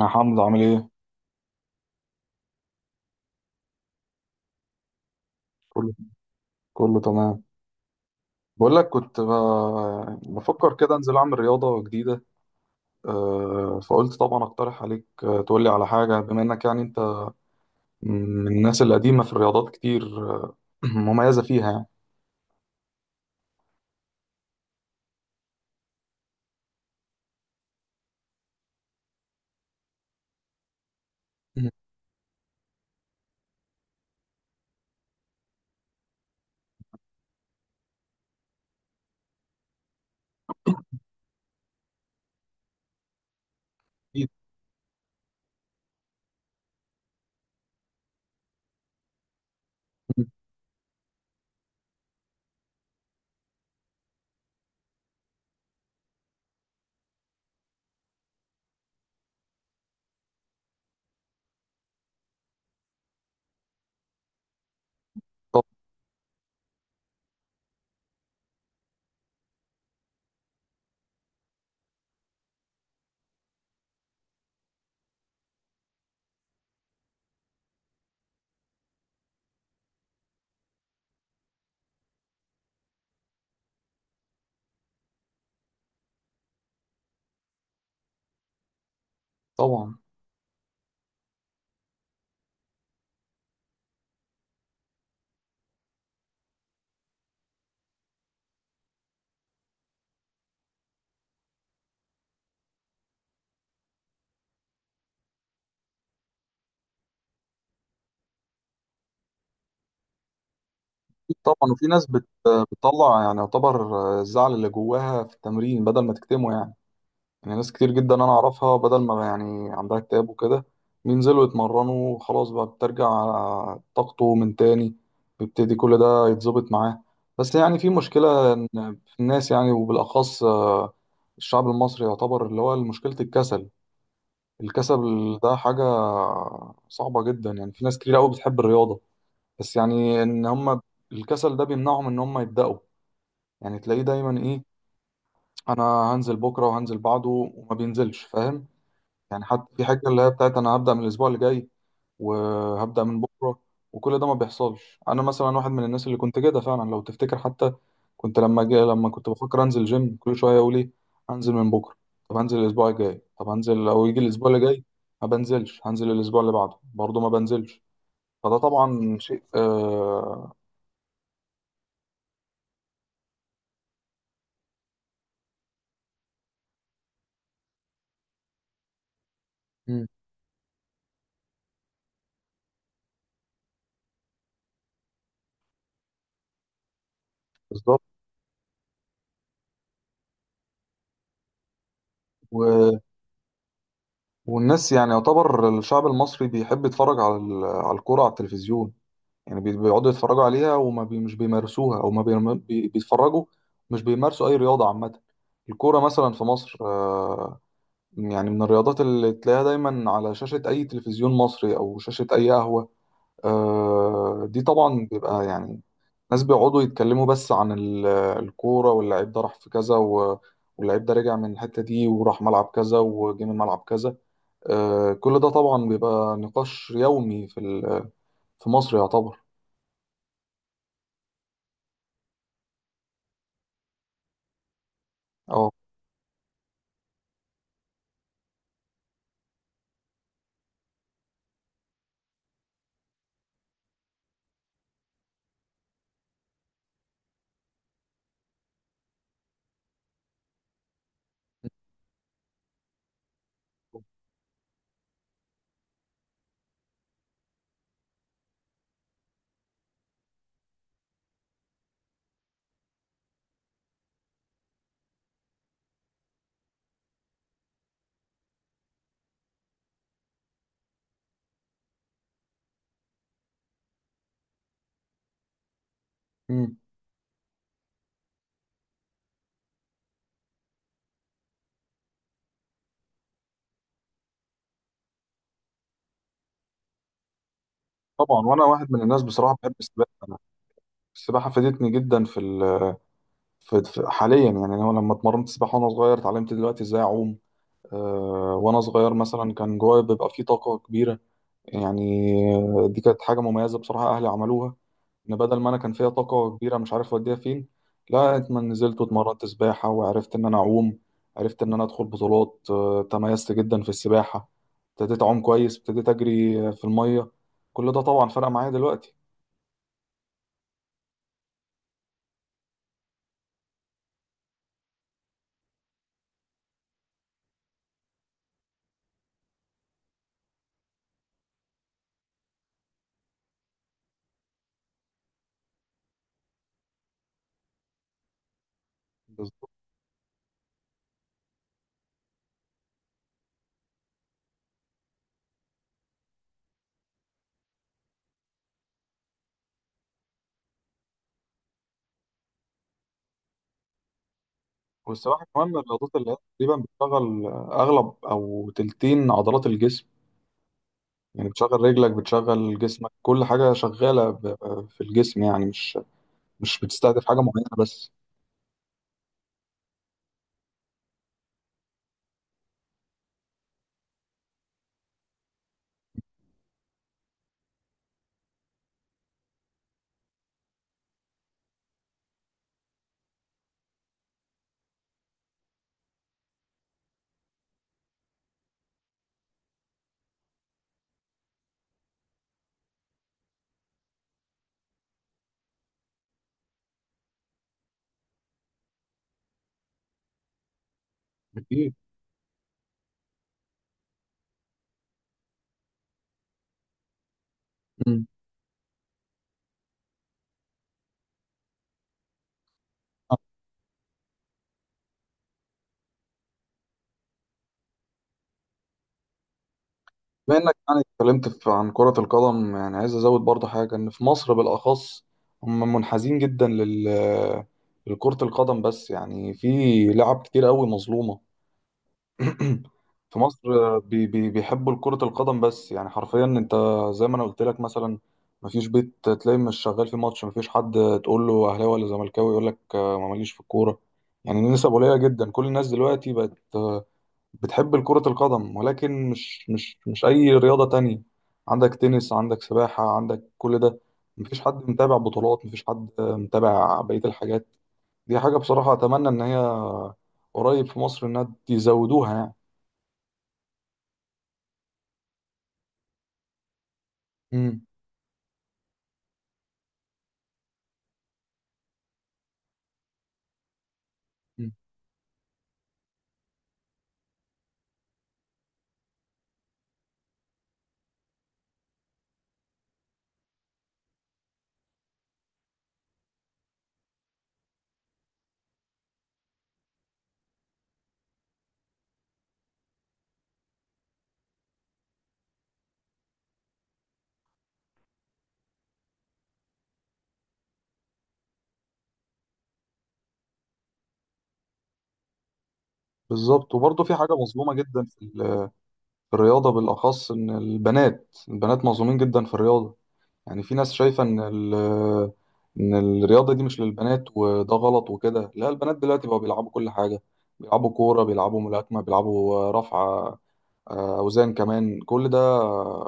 يا حمزة، عامل ايه؟ كله كله تمام. بقول لك كنت ب... بفكر كده انزل اعمل رياضة جديدة. فقلت طبعا اقترح عليك، تقولي على حاجة، بما انك يعني انت من الناس القديمة في الرياضات كتير. مميزة فيها يعني. مم. أكيد. مم. طب- طبعا، أكيد طبعا. وفي ناس بتطلع يعني يعتبر، الزعل اللي جواها في التمرين بدل ما تكتمه يعني. يعني ناس كتير جدا انا اعرفها، بدل ما يعني عندها اكتئاب وكده، بينزلوا يتمرنوا وخلاص، بقى بترجع طاقته من تاني، بيبتدي كل ده يتظبط معاه. بس يعني في مشكلة، إن في الناس يعني، وبالأخص الشعب المصري يعتبر، اللي هو مشكلة الكسل. الكسل ده حاجة صعبة جدا. يعني في ناس كتير قوي بتحب الرياضة، بس يعني إن هم الكسل ده بيمنعهم إن هم يبدأوا. يعني تلاقيه دايما إيه، أنا هنزل بكرة وهنزل بعده، وما بينزلش، فاهم؟ يعني حتى في حاجة اللي هي بتاعت أنا هبدأ من الأسبوع اللي جاي، وهبدأ من بكرة، وكل ده ما بيحصلش. أنا مثلا واحد من الناس اللي كنت كده فعلا لو تفتكر حتى، كنت لما كنت بفكر أنزل جيم، كل شوية أقول إيه، هنزل من بكرة. طب هنزل الأسبوع الجاي، طب هنزل أو يجي الأسبوع اللي جاي ما بنزلش، هنزل الأسبوع اللي بعده برضه ما بنزلش. فده طبعا شيء. مم. بالظبط. و... والناس يعني يعتبر الشعب المصري بيحب يتفرج على الكورة على التلفزيون. يعني بيقعدوا يتفرجوا عليها، وما بي مش بيمارسوها، او ما بي بي- بيتفرجوا مش بيمارسوا اي رياضه عامه. الكوره مثلا في مصر، يعني من الرياضات اللي تلاقيها دايما على شاشه اي تلفزيون مصري، او شاشه اي قهوه. دي طبعا بيبقى يعني ناس بيقعدوا يتكلموا بس عن الكوره، واللعيب ده راح في كذا، واللعيب ده رجع من الحته دي، وراح ملعب كذا وجه من ملعب كذا. كل ده طبعا بيبقى نقاش يومي في مصر يعتبر. اه، طبعا. وانا واحد من الناس بصراحه بحب السباحه أنا. السباحه فادتني جدا في ال في في- حاليا. يعني انا لما اتمرنت سباحه وانا صغير، اتعلمت دلوقتي ازاي اعوم. وانا صغير مثلا كان جوايا بيبقى فيه طاقه كبيره، يعني. دي كانت حاجه مميزه بصراحه اهلي عملوها، ان بدل ما انا كان فيها طاقه كبيره مش عارف اوديها فين، لا اتمنى نزلت واتمرنت سباحه، وعرفت ان انا اعوم، عرفت ان انا ادخل بطولات. تميزت جدا في السباحه، ابتديت اعوم كويس، ابتديت اجري في الميه. كل ده طبعا فرق معايا دلوقتي. والسباحة كمان من الرياضات اللي هي تقريبا بتشغل أغلب أو تلتين عضلات الجسم. يعني بتشغل رجلك، بتشغل جسمك، كل حاجة شغالة في الجسم. يعني مش بتستهدف حاجة معينة بس. أكيد. مم. بما إنك يعني اتكلمت عن كرة القدم، يعني عايز أزود برضه حاجة، إن في مصر بالأخص هم منحازين جدا لكرة القدم، بس يعني في لعب كتير قوي مظلومة. في مصر، بي بي بيحبوا كرة القدم، بس يعني حرفيا انت زي ما انا قلت لك مثلا، مفيش بيت تلاقي مش شغال في ماتش، مفيش حد تقول له اهلاوي ولا زملكاوي يقول لك ما ماليش في الكورة. يعني النسب قليلة جدا، كل الناس دلوقتي بقت بتحب كرة القدم، ولكن مش اي رياضة تانية. عندك تنس، عندك سباحة، عندك كل ده. مفيش حد متابع بطولات، مفيش حد متابع بقية الحاجات. دي حاجة بصراحة اتمنى ان هي قريب في مصر انها يزودوها يعني. مم. مم. بالظبط. وبرضه في حاجة مظلومة جدا في الرياضة بالأخص، إن البنات مظلومين جدا في الرياضة. يعني في ناس شايفة إن الرياضة دي مش للبنات، وده غلط وكده. لا، البنات دلوقتي بقوا بيلعبوا كل حاجة. بيلعبوا كورة، بيلعبوا ملاكمة، بيلعبوا رفع أوزان كمان، كل ده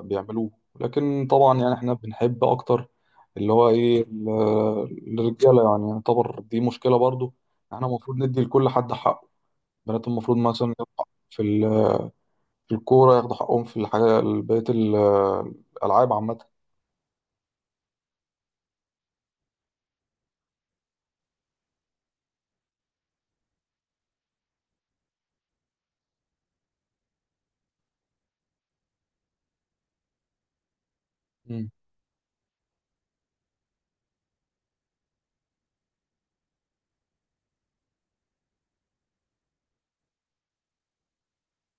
بيعملوه. لكن طبعا يعني إحنا بنحب أكتر اللي هو إيه الرجالة، يعني يعتبر دي مشكلة برضه. احنا المفروض ندي لكل حد حقه، البنات المفروض مثلا ياخدوا حقهم في الكورة، ياخدوا حقهم في الحاجة، بقية الألعاب عامة. مم.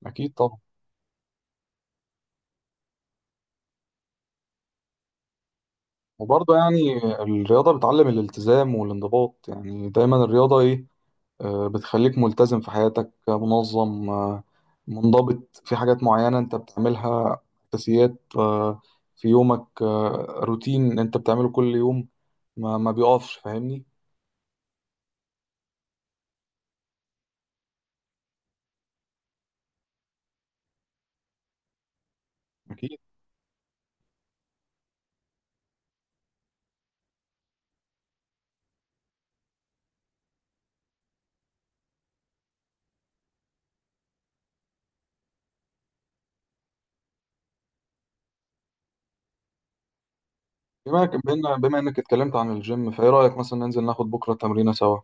أكيد طبعا. وبرضه يعني الرياضة بتعلم الالتزام والانضباط، يعني دايما الرياضة إيه، بتخليك ملتزم في حياتك، منظم، منضبط في حاجات معينة أنت بتعملها، أساسيات في يومك، روتين أنت بتعمله كل يوم، ما بيقفش، فاهمني؟ أكيد. بما إنك اتكلمت عن الجيم، فإيه رأيك مثلا ننزل ناخد بكرة تمرينة سوا؟